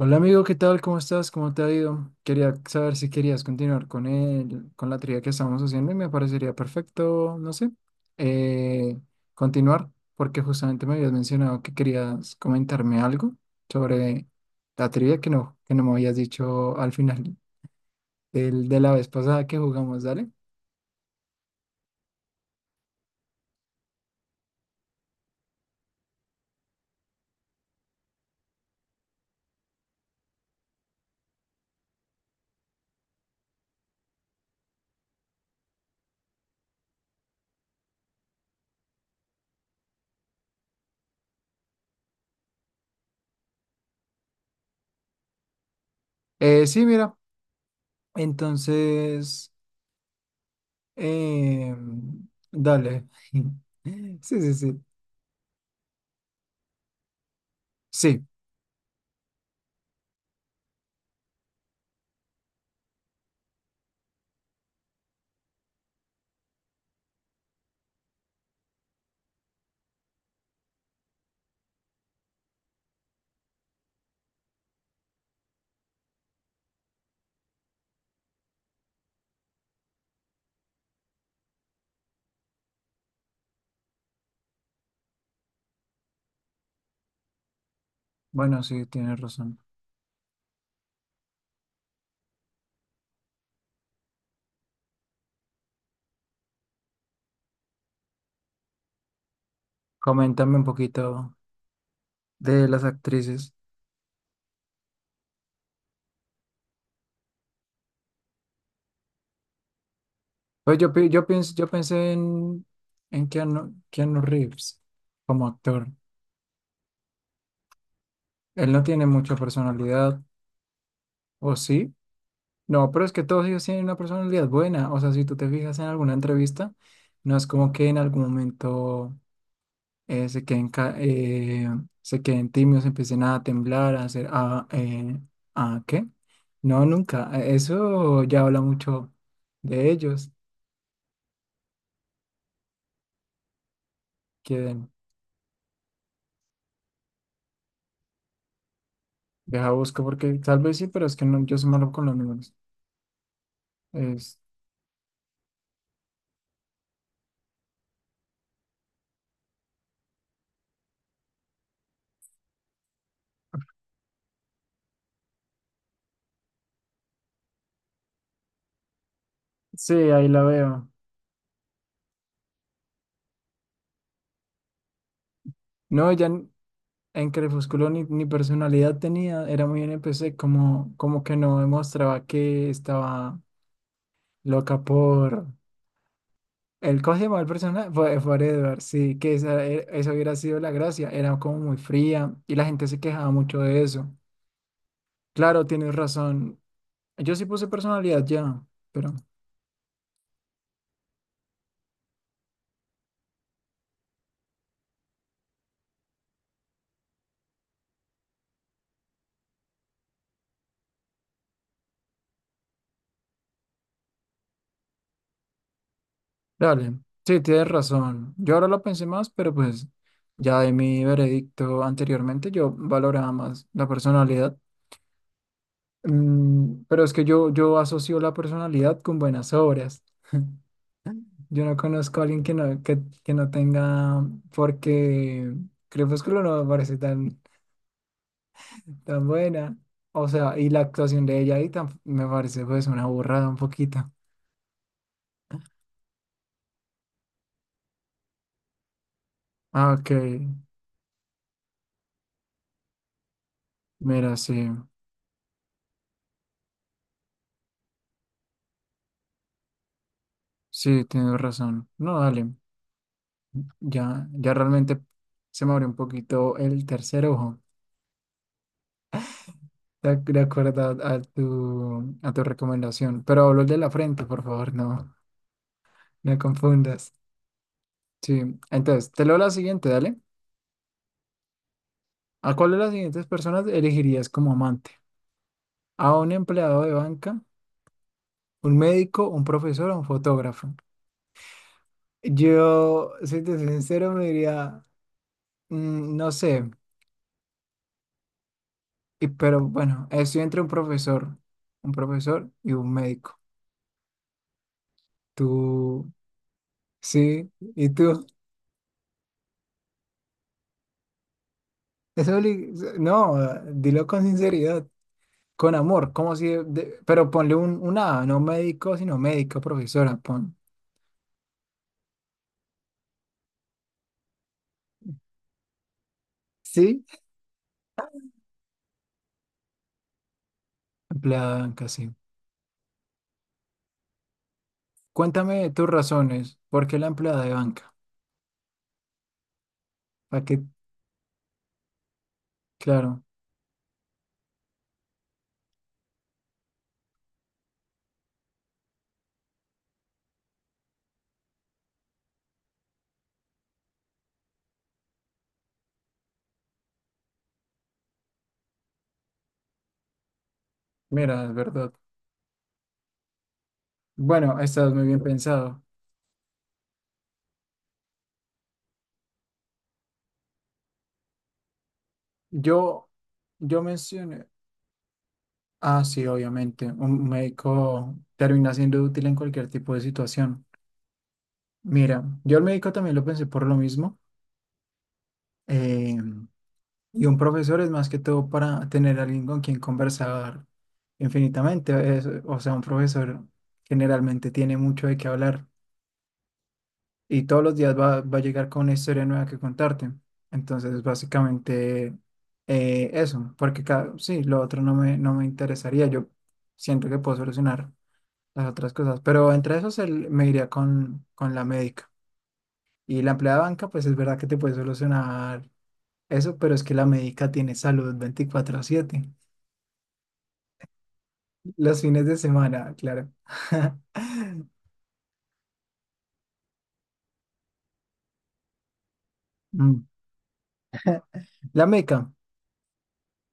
Hola amigo, ¿qué tal? ¿Cómo estás? ¿Cómo te ha ido? Quería saber si querías continuar con con la trivia que estamos haciendo y me parecería perfecto, no sé, eh, continuar porque justamente me habías mencionado que querías comentarme algo sobre la trivia que no me habías dicho al final de la vez pasada que jugamos, dale. Sí, mira, entonces, eh, dale. Sí, sí, sí. Sí, bueno, sí, tienes razón. Coméntame un poquito de las actrices. Yo, pienso, en Keanu, Keanu Reeves como actor. Él no tiene mucha personalidad, ¿o sí? No, pero es que todos ellos tienen una personalidad buena. O sea, si tú te fijas en alguna entrevista, no es como que en algún momento eh, se queden, ca- eh, se queden tímidos, empiecen a temblar, ¿a qué? No, nunca. Eso ya habla mucho de ellos. Deja busco porque tal vez sí, pero es que no, yo soy malo con los números. Es, sí, ahí la veo. No, ya en Crepúsculo ni personalidad tenía, era muy NPC, como, como que no demostraba que estaba loca por... El coge mal personaje fue Edward, sí, esa hubiera sido la gracia, era como muy fría y la gente se quejaba mucho de eso. Claro, tienes razón. Yo sí puse personalidad ya, pero... Dale, sí, tienes razón. Yo ahora lo pensé más, pero pues ya de mi veredicto anteriormente yo valoraba más la personalidad. Mm, pero es que yo asocio la personalidad con buenas obras. Yo no conozco a alguien que no tenga, porque Crepúsculo no me parece tan, tan buena. O sea, y la actuación de ella ahí tam- me parece pues una burrada un poquito. Ah, ok, mira, sí, sí, tienes razón. No, dale. Ya, ya realmente se me abrió un poquito el tercer ojo, de acuerdo a tu recomendación. Pero hablo de la frente, por favor, no, no confundas. Sí, entonces, te leo la siguiente, dale. ¿A cuál de las siguientes personas elegirías como amante? ¿A un empleado de banca, un médico, un profesor o un fotógrafo? Yo, si te soy sincero, me diría, mm, no sé, y- pero bueno, estoy entre un profesor y un médico. ¿Tú? Sí, ¿y tú? Eso obli- No, dilo con sinceridad, con amor, como si... de- Pero ponle un A, no médico, sino médico, profesora, pon. Sí, empleada de banca, sí. Cuéntame tus razones, ¿por qué la empleada de banca? ¿Para qué? Claro, mira, es verdad. Bueno, estás muy bien pensado. Yo, yo mencioné... Ah, sí, obviamente, un médico termina siendo útil en cualquier tipo de situación. Mira, yo el médico también lo pensé por lo mismo. eh, Y un profesor es más que todo para tener alguien con quien conversar infinitamente. O sea, un profesor generalmente tiene mucho de qué hablar y todos los días va a llegar con una historia nueva que contarte. Entonces, básicamente eso, porque cada, sí, lo otro no me, no me interesaría. Yo siento que puedo solucionar las otras cosas, pero entre esos el- me iría con la médica. Y la empleada de banca, pues es verdad que te puede solucionar eso, pero es que la médica tiene salud 24/7. Los fines de semana, claro. Mm. La meca.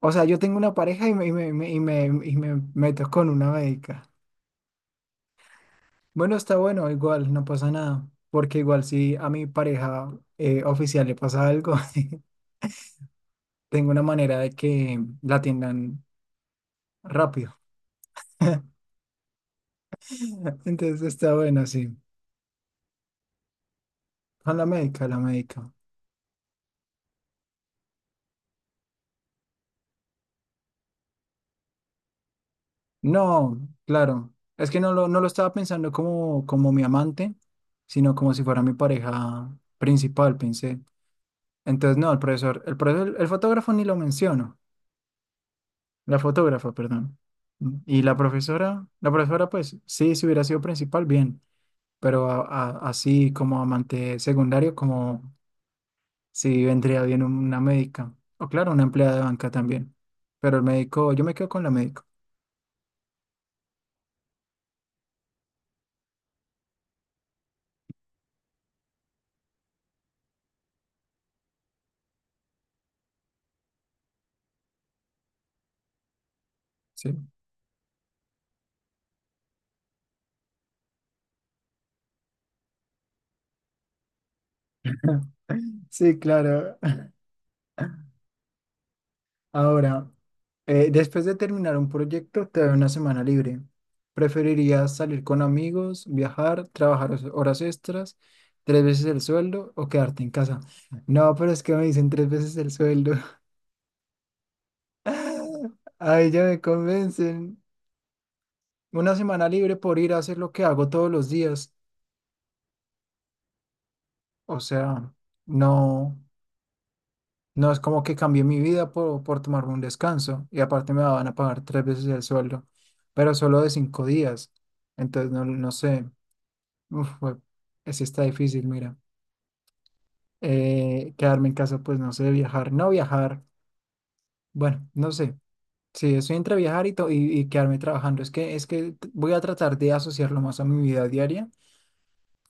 O sea, yo tengo una pareja y me meto con una meca. Bueno, está bueno, igual, no pasa nada. Porque igual si a mi pareja oficial le pasa algo, tengo una manera de que la atiendan rápido. Entonces está bueno, sí. Con la médica, la médica. No, claro. Es que no lo estaba pensando como, como mi amante, sino como si fuera mi pareja principal, pensé. Entonces, no, el profesor, el profesor, el fotógrafo ni lo menciono. La fotógrafa, perdón. Y la profesora, pues, sí, si hubiera sido principal, bien. Pero a- así como amante secundario, como si vendría bien una médica. O claro, una empleada de banca también. Pero el médico, yo me quedo con la médico. Sí. Sí, claro. Ahora. Después de terminar un proyecto, te doy una semana libre. ¿Preferirías salir con amigos, viajar, trabajar os- horas extras, tres veces el sueldo o quedarte en casa? No, pero es que me dicen tres veces el sueldo. Ay, ya me convencen. Una semana libre por ir a hacer lo que hago todos los días. O sea, no, no es como que cambié mi vida por tomarme un descanso. Y aparte me van a pagar tres veces el sueldo, pero solo de 5 días. Entonces, no, no sé. Uf, fue- ese está difícil, mira. Quedarme en casa, pues no sé, viajar, no viajar, bueno, no sé. Sí, estoy entre viajar y, to- y, y quedarme trabajando. Es que t- voy a tratar de asociarlo más a mi vida diaria.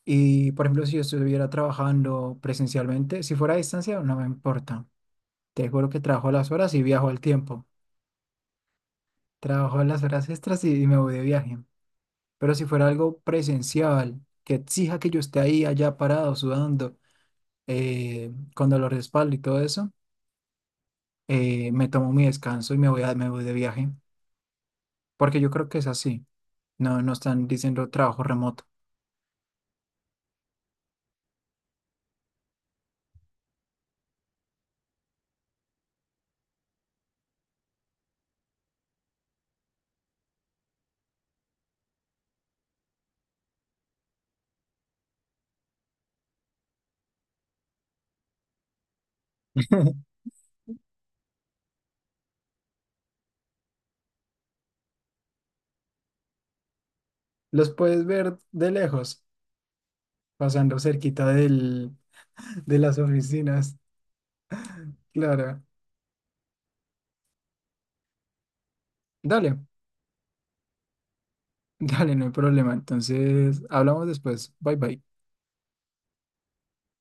Y, por ejemplo, si yo estuviera trabajando presencialmente, si fuera a distancia, no me importa. Te juro que trabajo las horas y viajo al tiempo. Trabajo las horas extras y me voy de viaje. Pero si fuera algo presencial, que exija que yo esté ahí, allá parado, sudando, con dolor de espalda y todo eso. Me tomo mi descanso y me voy de viaje, porque yo creo que es así. No, no están diciendo trabajo remoto. Los puedes ver de lejos, pasando cerquita del, de las oficinas. Claro. Dale, dale, no hay problema. Entonces, hablamos después. Bye bye.